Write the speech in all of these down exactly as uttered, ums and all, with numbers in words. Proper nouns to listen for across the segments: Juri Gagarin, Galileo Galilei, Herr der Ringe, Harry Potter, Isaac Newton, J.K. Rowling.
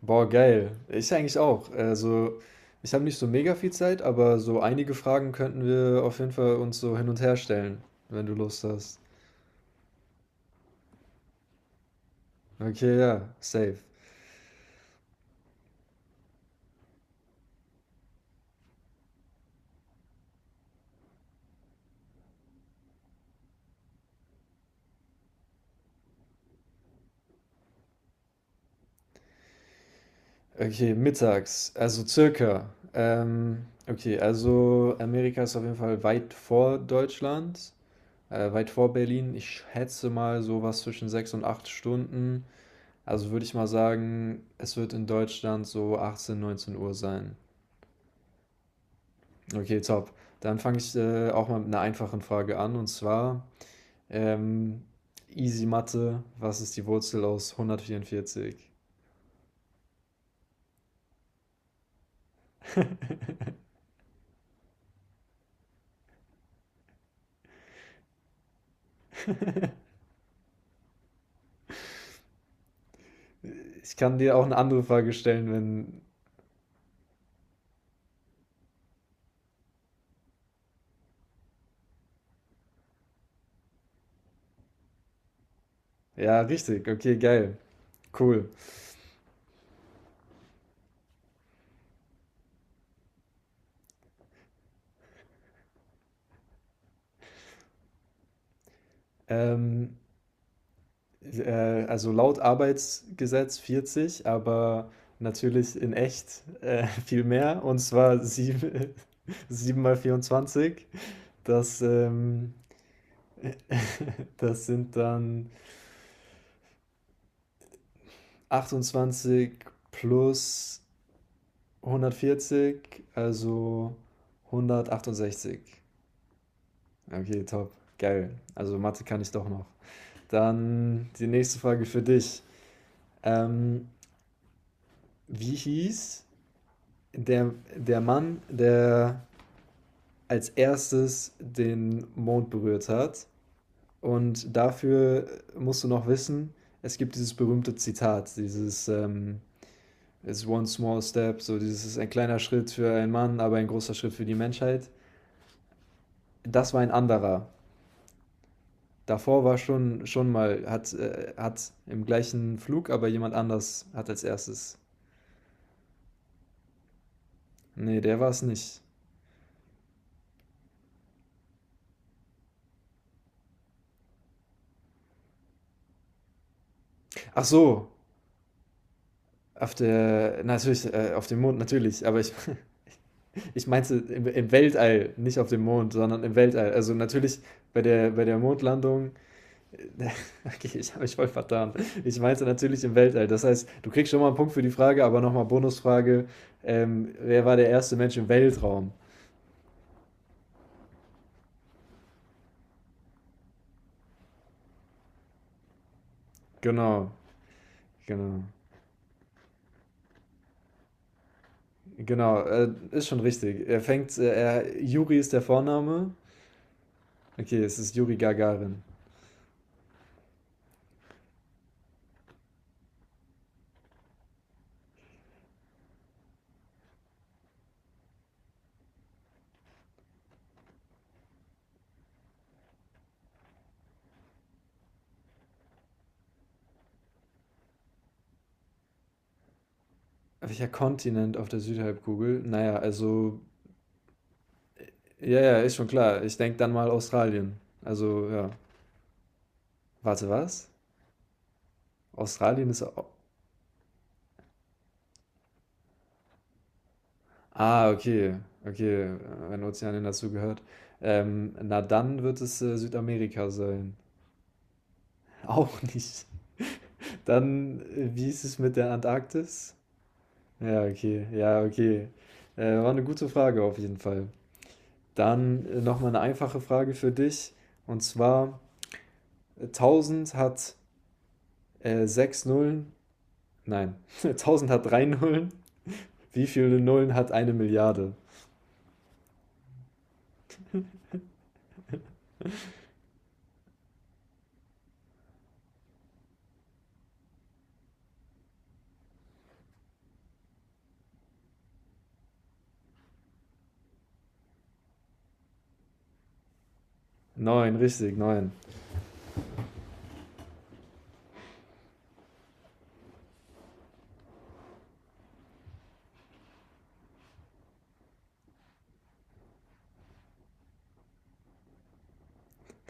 Boah, geil. Ich eigentlich auch. Also, ich habe nicht so mega viel Zeit, aber so einige Fragen könnten wir auf jeden Fall uns so hin und her stellen, wenn du Lust hast. Okay, ja, safe. Okay, mittags, also circa. Ähm, okay, also Amerika ist auf jeden Fall weit vor Deutschland, äh, weit vor Berlin. Ich schätze mal sowas zwischen sechs und acht Stunden. Also würde ich mal sagen, es wird in Deutschland so achtzehn neunzehn Uhr sein. Okay, top. Dann fange ich äh, auch mal mit einer einfachen Frage an und zwar ähm, Easy Mathe, was ist die Wurzel aus hundertvierundvierzig? Ich kann dir auch eine andere Frage stellen, wenn... Ja, richtig, okay, geil, cool. Ähm, äh, also laut Arbeitsgesetz vierzig, aber natürlich in echt äh, viel mehr und zwar sieben, sieben mal vierundzwanzig. Das, ähm, das sind dann... achtundzwanzig plus hundertvierzig, also hundertachtundsechzig. Okay, top. Geil. Also Mathe kann ich doch noch. Dann die nächste Frage für dich. Ähm, wie hieß der, der Mann, der als erstes den Mond berührt hat? Und dafür musst du noch wissen, es gibt dieses berühmte Zitat, dieses ähm, It's one small step, so dieses ist ein kleiner Schritt für einen Mann, aber ein großer Schritt für die Menschheit. Das war ein anderer. Davor war schon, schon mal, hat, äh, hat im gleichen Flug, aber jemand anders hat als erstes. Nee, der war es nicht. Ach so, auf der, natürlich, äh, auf dem Mond, natürlich, aber ich, ich meinte im, im Weltall, nicht auf dem Mond, sondern im Weltall. Also natürlich bei der, bei der Mondlandung. Okay, ich habe mich voll vertan. Ich meinte natürlich im Weltall. Das heißt, du kriegst schon mal einen Punkt für die Frage, aber nochmal Bonusfrage. Ähm, wer war der erste Mensch im Weltraum? Genau, genau, genau. Äh, ist schon richtig. Er fängt, äh, er, Juri ist der Vorname. Okay, es ist Juri Gagarin. Welcher Kontinent auf der Südhalbkugel? Naja, also, ja, ja, ist schon klar. Ich denke dann mal Australien. Also, ja. Warte, was? Australien ist au- Ah, okay, okay, äh, wenn Ozeanien dazu gehört. Ähm, na dann wird es äh, Südamerika sein. Auch nicht. Dann, äh, wie ist es mit der Antarktis? Ja, okay, ja, okay. Äh, war eine gute Frage auf jeden Fall. Dann äh, nochmal eine einfache Frage für dich. Und zwar, äh, tausend hat äh, sechs Nullen. Nein, tausend hat drei Nullen. Wie viele Nullen hat eine Milliarde? Neun, richtig, neun.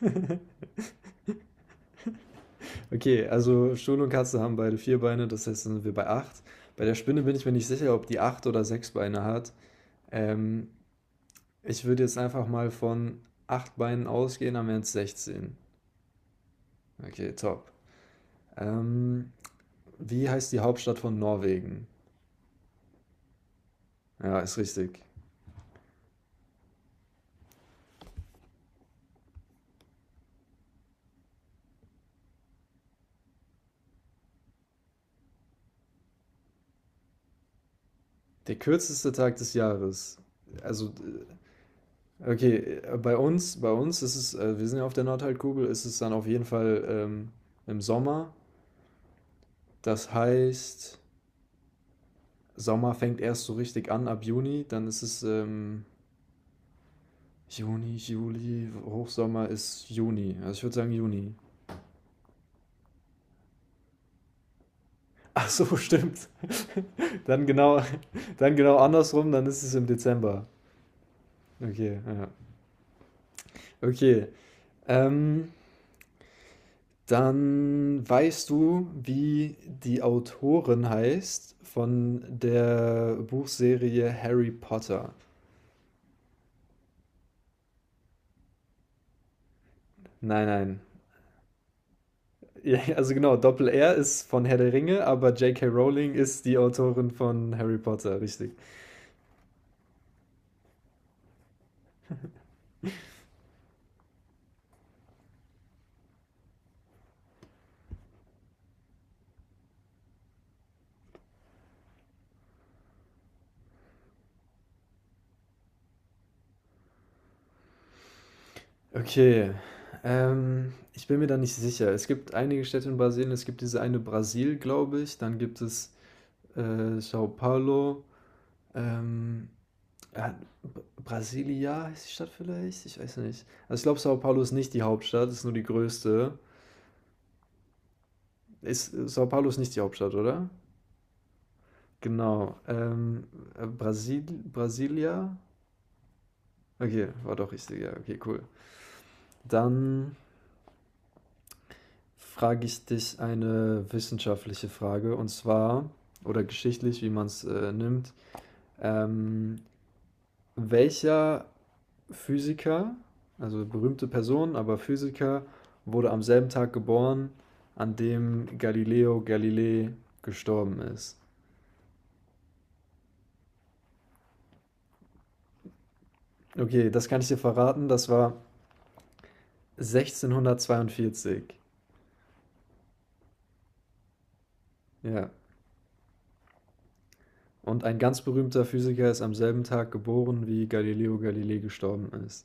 Okay, also Stuhl und Katze haben beide vier Beine, das heißt, dann sind wir bei acht. Bei der Spinne bin ich mir nicht sicher, ob die acht oder sechs Beine hat. Ähm, ich würde jetzt einfach mal von acht Beinen ausgehen, dann wären es sechzehn. Okay, top. Ähm, wie heißt die Hauptstadt von Norwegen? Ja, ist richtig. Der kürzeste Tag des Jahres. Also, äh, okay, äh, bei uns, bei uns ist es, äh, wir sind ja auf der Nordhalbkugel, ist es dann auf jeden Fall ähm, im Sommer. Das heißt, Sommer fängt erst so richtig an ab Juni, dann ist es ähm, Juni, Juli, Hochsommer ist Juni. Also ich würde sagen Juni. Ach so, stimmt. Dann genau, dann genau andersrum, dann ist es im Dezember. Okay, ja. Okay. Ähm, dann weißt du, wie die Autorin heißt von der Buchserie Harry Potter? Nein, nein. Ja, also genau, Doppel-R ist von Herr der Ringe, aber J K. Rowling ist die Autorin von Harry Potter, richtig. Okay, ähm, ich bin mir da nicht sicher. Es gibt einige Städte in Brasilien, es gibt diese eine Brasil, glaube ich, dann gibt es äh, São Paulo, ähm, äh, B- Brasilia heißt die Stadt vielleicht? Ich weiß nicht. Also ich glaube, São Paulo ist nicht die Hauptstadt, ist nur die größte. Ist, São Paulo ist nicht die Hauptstadt, oder? Genau. Ähm, äh, Brasil, Brasilia? Okay, war doch richtig, ja, okay, cool. Dann frage ich dich eine wissenschaftliche Frage und zwar, oder geschichtlich, wie man es äh, nimmt. Ähm, welcher Physiker, also berühmte Person, aber Physiker, wurde am selben Tag geboren, an dem Galileo Galilei gestorben ist? Okay, das kann ich dir verraten, das war sechzehnhundertzweiundvierzig. Ja, und ein ganz berühmter Physiker ist am selben Tag geboren, wie Galileo Galilei gestorben ist.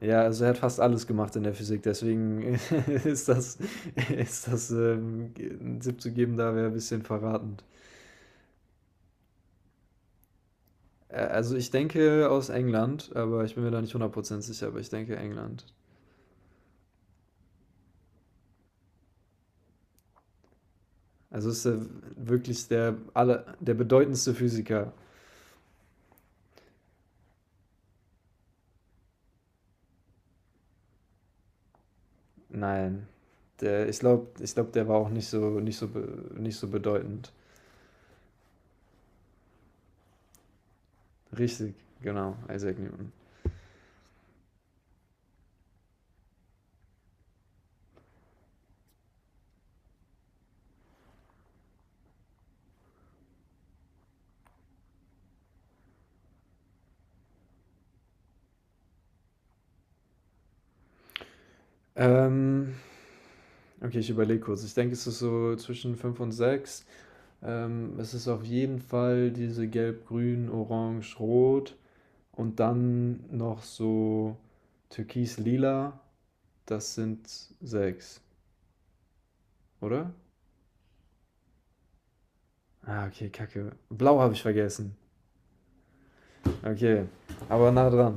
Ja, also er hat fast alles gemacht in der Physik, deswegen ist das, ist das ähm, einen Tipp zu geben, da wäre ein bisschen verratend. Äh, also ich denke aus England, aber ich bin mir da nicht hundert Prozent sicher, aber ich denke England. Also ist er wirklich der, aller, der bedeutendste Physiker? Nein. Der, ich glaube, ich glaub, der war auch nicht so, nicht so, be- nicht so bedeutend. Richtig, genau, Isaac Newton. Ähm, Okay, ich überlege kurz. Ich denke, es ist so zwischen fünf und sechs. Ähm, es ist auf jeden Fall diese Gelb, Grün, Orange, Rot und dann noch so Türkis, Lila. Das sind sechs, oder? Ah, okay, Kacke. Blau habe ich vergessen. Okay, aber nah dran.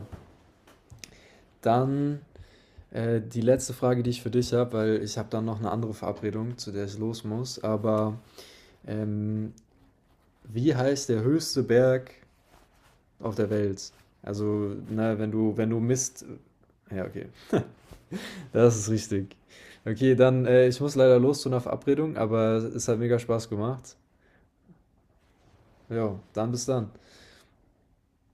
Dann äh, die letzte Frage, die ich für dich habe, weil ich habe dann noch eine andere Verabredung, zu der ich los muss. Aber ähm, wie heißt der höchste Berg auf der Welt? Also, na, wenn du, wenn du Mist. Ja, okay. Das ist richtig. Okay, dann, äh, ich muss leider los zu einer Verabredung, aber es hat mega Spaß gemacht. Ja, dann bis dann.